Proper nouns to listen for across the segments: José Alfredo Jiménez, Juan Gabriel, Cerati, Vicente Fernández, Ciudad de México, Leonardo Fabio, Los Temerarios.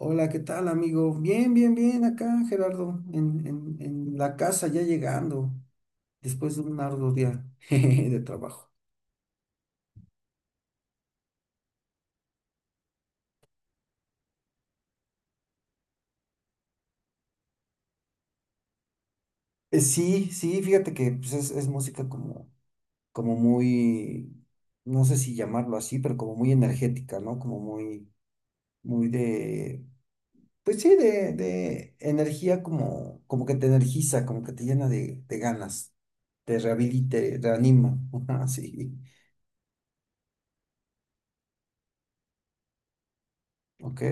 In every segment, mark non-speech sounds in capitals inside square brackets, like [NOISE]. Hola, ¿qué tal, amigo? Bien, bien, bien, acá, Gerardo, en la casa ya llegando, después de un arduo día [LAUGHS] jeje, de trabajo. Sí, sí, fíjate que pues es música como, como muy, no sé si llamarlo así, pero como muy energética, ¿no? Como muy, muy pues sí, de energía como, como que te energiza, como que te llena de ganas, te rehabilita, te reanima, [LAUGHS] ajá, sí, ok,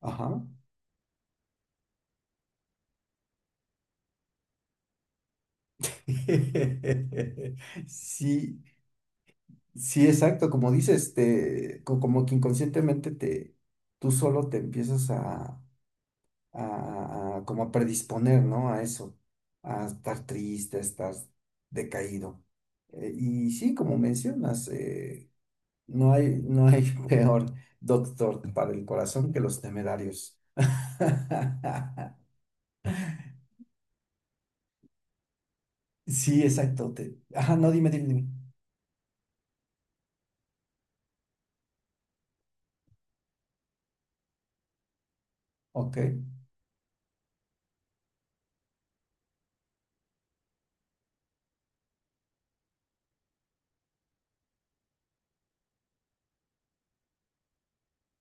ajá. [LAUGHS] Sí, sí, exacto, como dices, te, como que inconscientemente te, tú solo te empiezas a, como a predisponer, ¿no? A eso, a estar triste, a estar decaído. Y sí, como mencionas, no hay [LAUGHS] peor doctor para el corazón que los temerarios. [LAUGHS] Sí, exacto. Ajá, no, dime. Ok,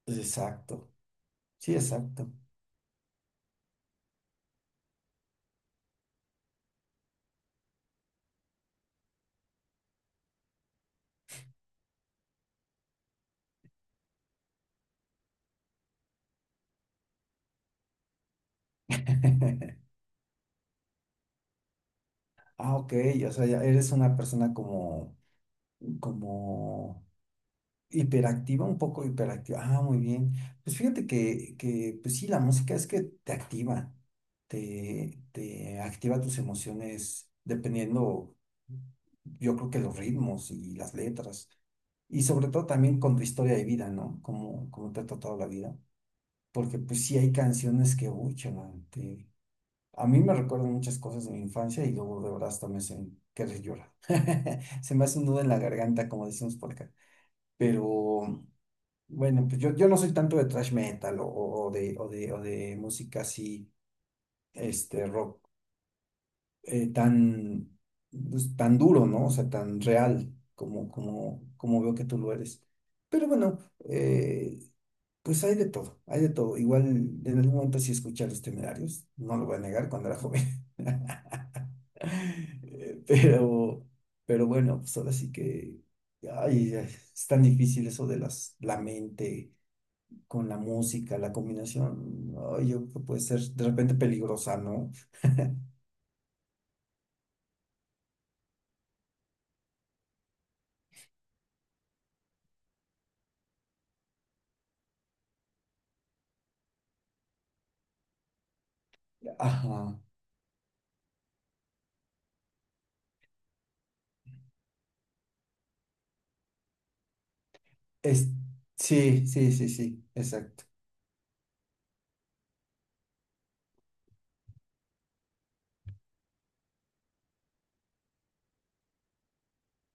exacto. Sí, exacto. [LAUGHS] Ah, ok, o sea, ya eres una persona como, como hiperactiva, un poco hiperactiva. Ah, muy bien. Pues fíjate pues sí, la música es que te activa, te activa tus emociones dependiendo, yo creo que los ritmos y las letras. Y sobre todo también con tu historia de vida, ¿no? Como, como te ha tratado la vida. Porque pues sí hay canciones que, uy, chaval, a mí me recuerda muchas cosas de mi infancia y luego de verdad hasta me hacen querer llorar. [LAUGHS] Se me hace un nudo en la garganta, como decimos por acá. Pero bueno, pues yo no soy tanto de thrash metal o de música así, este rock tan, pues, tan duro, ¿no? O sea, tan real como, como, como veo que tú lo eres. Pero bueno, eh, pues hay de todo, hay de todo. Igual en algún momento sí escuché a Los Temerarios, no lo voy a negar, cuando era joven. [LAUGHS] [LAUGHS] Eh, Pero, pero bueno, pues ahora sí que ay, ay, es tan difícil eso de la mente con la música, la combinación. Ay, yo creo que puede ser de repente peligrosa, ¿no? Ajá. Es, sí, sí, sí, sí, exacto.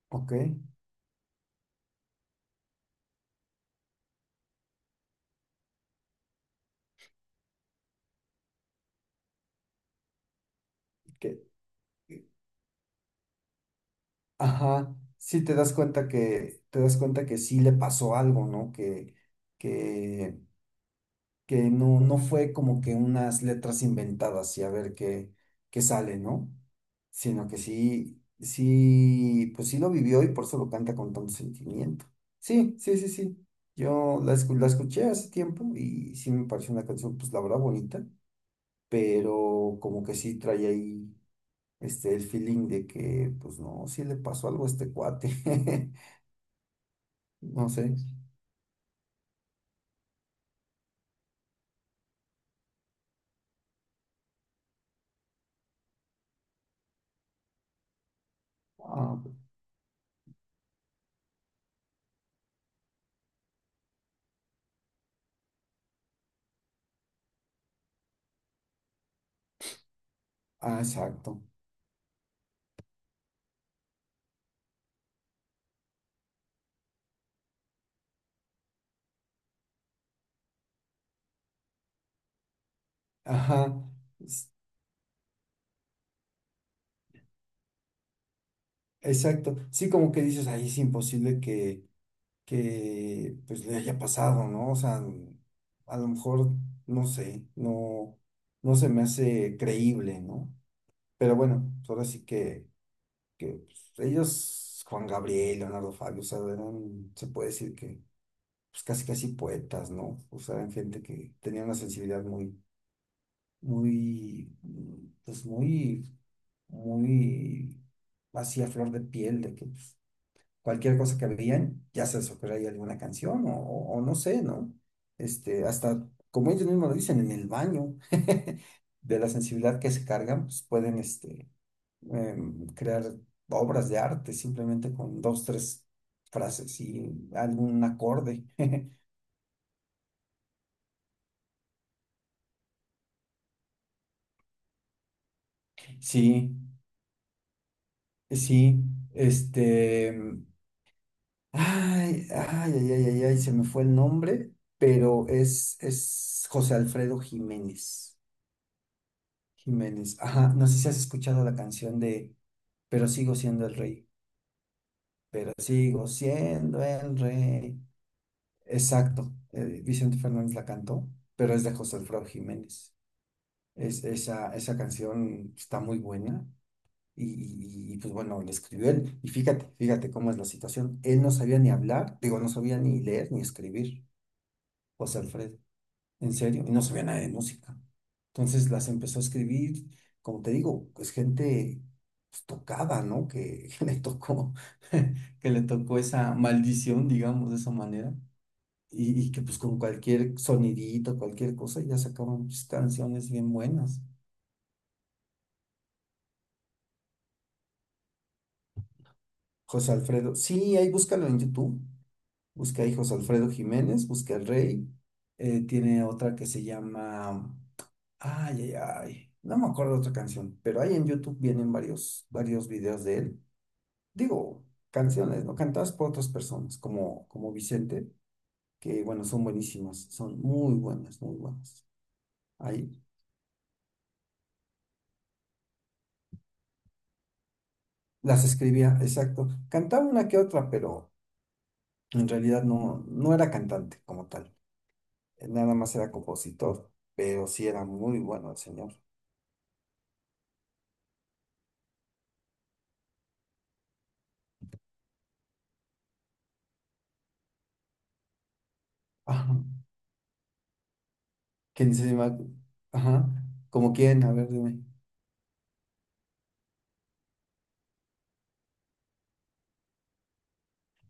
Ok. Que, ajá. Sí te das cuenta que, te das cuenta que sí le pasó algo, ¿no? Que que no, no fue como que unas letras inventadas y a ver qué, qué sale, ¿no? Sino que sí, sí, pues sí lo vivió y por eso lo canta con tanto sentimiento. Sí, sí, sí, sí. Yo la, la escuché hace tiempo y sí me pareció una canción, pues la verdad bonita, pero como que sí trae ahí este, el feeling de que, pues no, sí le pasó algo a este cuate. [LAUGHS] No sé. Ah, ah, exacto. Ajá. Exacto. Sí, como que dices, ahí es imposible que pues le haya pasado, ¿no? O sea, a lo mejor, no sé, no, no se me hace creíble, ¿no? Pero bueno, pues ahora sí que pues, ellos, Juan Gabriel, Leonardo Fabio, o sea, eran, se puede decir que, pues casi casi poetas, ¿no? O sea, eran gente que tenía una sensibilidad muy, muy, pues muy, muy así a flor de piel, de que pues, cualquier cosa que veían, ya se les ocurría ahí alguna canción o no sé, ¿no? Este, hasta, como ellos mismos lo dicen, en el baño, [LAUGHS] de la sensibilidad que se cargan, pues pueden este, crear obras de arte simplemente con dos, tres frases y algún acorde. [LAUGHS] Sí, sí, este... em, ay, ay, ay, ay, ay, ay, se me fue el nombre, pero es José Alfredo Jiménez. Jiménez. Ajá, no sé si has escuchado la canción de pero sigo siendo el rey, pero sigo siendo el rey. Exacto, Vicente Fernández la cantó, pero es de José Alfredo Jiménez. Esa esa canción está muy buena y, y, pues bueno, la escribió él. Y fíjate, fíjate cómo es la situación. Él no sabía ni hablar, digo, no sabía ni leer ni escribir, José Alfredo. En serio, y no sabía nada de música. Entonces las empezó a escribir, como te digo, pues gente pues, tocada, ¿no? Que, [LAUGHS] que le tocó, [LAUGHS] que le tocó esa maldición, digamos, de esa manera. Y que pues con cualquier sonidito, cualquier cosa, ya sacaban pues, canciones bien buenas. José Alfredo, sí, ahí búscalo en YouTube. Busca ahí José Alfredo Jiménez, busca El Rey. Tiene otra que se llama ay, ay, ay. No me acuerdo otra canción, pero ahí en YouTube vienen varios, varios videos de él. Digo, canciones, ¿no? Cantadas por otras personas, como, como Vicente, que bueno, son buenísimas, son muy buenas, muy buenas. Ahí las escribía, exacto. Cantaba una que otra, pero en realidad no, no era cantante como tal. Nada más era compositor, pero sí era muy bueno el señor. Ajá. ¿Quién se llama? Ajá. ¿Como quién? A ver, dime.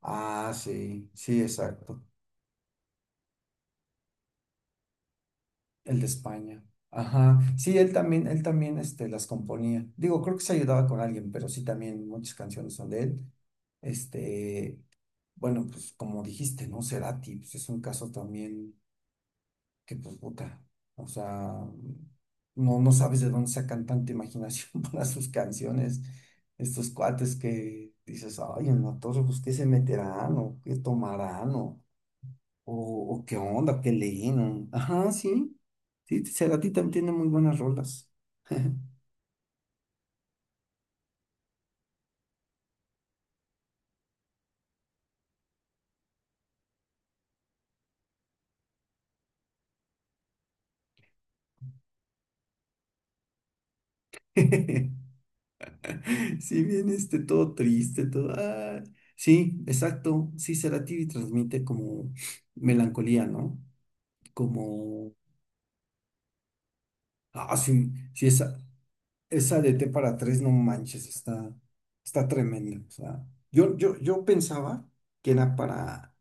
Ah, sí, sí, exacto. El de España. Ajá. Sí, él también este, las componía. Digo, creo que se ayudaba con alguien, pero sí también muchas canciones son de él. Este, bueno, pues como dijiste, ¿no? Cerati, pues es un caso también que, pues, puta, o sea, no, no sabes de dónde sacan tanta imaginación [LAUGHS] para sus canciones. Estos cuates que dices, ay, en la torre, pues, ¿qué se meterán o qué tomarán o, o qué onda, qué Lennon. Ajá, sí. Sí, Cerati también tiene muy buenas rolas. [LAUGHS] Si bien este todo triste, todo. Ah, sí, exacto. Sí, Cerati transmite como melancolía, ¿no? Como. Ah, sí, sí, esa de T para tres, no manches, está, está tremenda. O sea, yo pensaba que era para.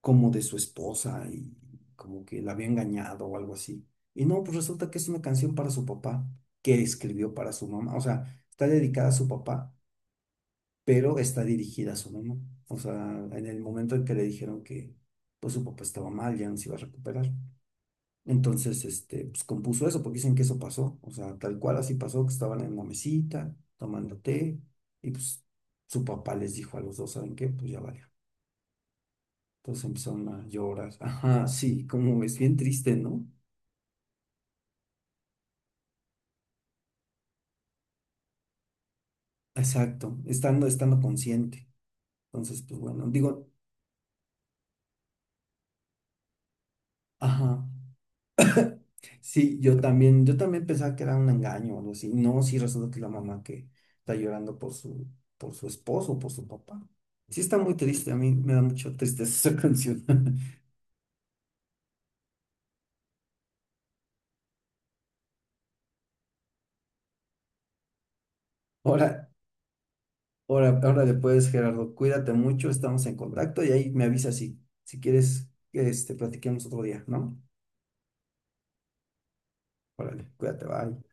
Como de su esposa y como que la había engañado o algo así. Y no, pues resulta que es una canción para su papá que escribió para su mamá. O sea, está dedicada a su papá, pero está dirigida a su mamá. O sea, en el momento en que le dijeron que pues su papá estaba mal, ya no se iba a recuperar. Entonces, este, pues compuso eso, porque dicen que eso pasó. O sea, tal cual así pasó, que estaban en la mesita, tomando té, y pues su papá les dijo a los dos, ¿saben qué? Pues ya valió. Todos empezaron a llorar. Ajá, sí, como es bien triste, ¿no? Exacto, estando, estando consciente. Entonces, pues bueno, digo, ajá, sí, yo también pensaba que era un engaño o algo así. No, sí, resulta que la mamá que está llorando por su esposo, por su papá. Sí, está muy triste, a mí me da mucho tristeza esa [LAUGHS] canción. Ahora, ahora, ahora después, Gerardo, cuídate mucho, estamos en contacto y ahí me avisas si, si quieres que este, platiquemos otro día, ¿no? Órale, cuídate, bye.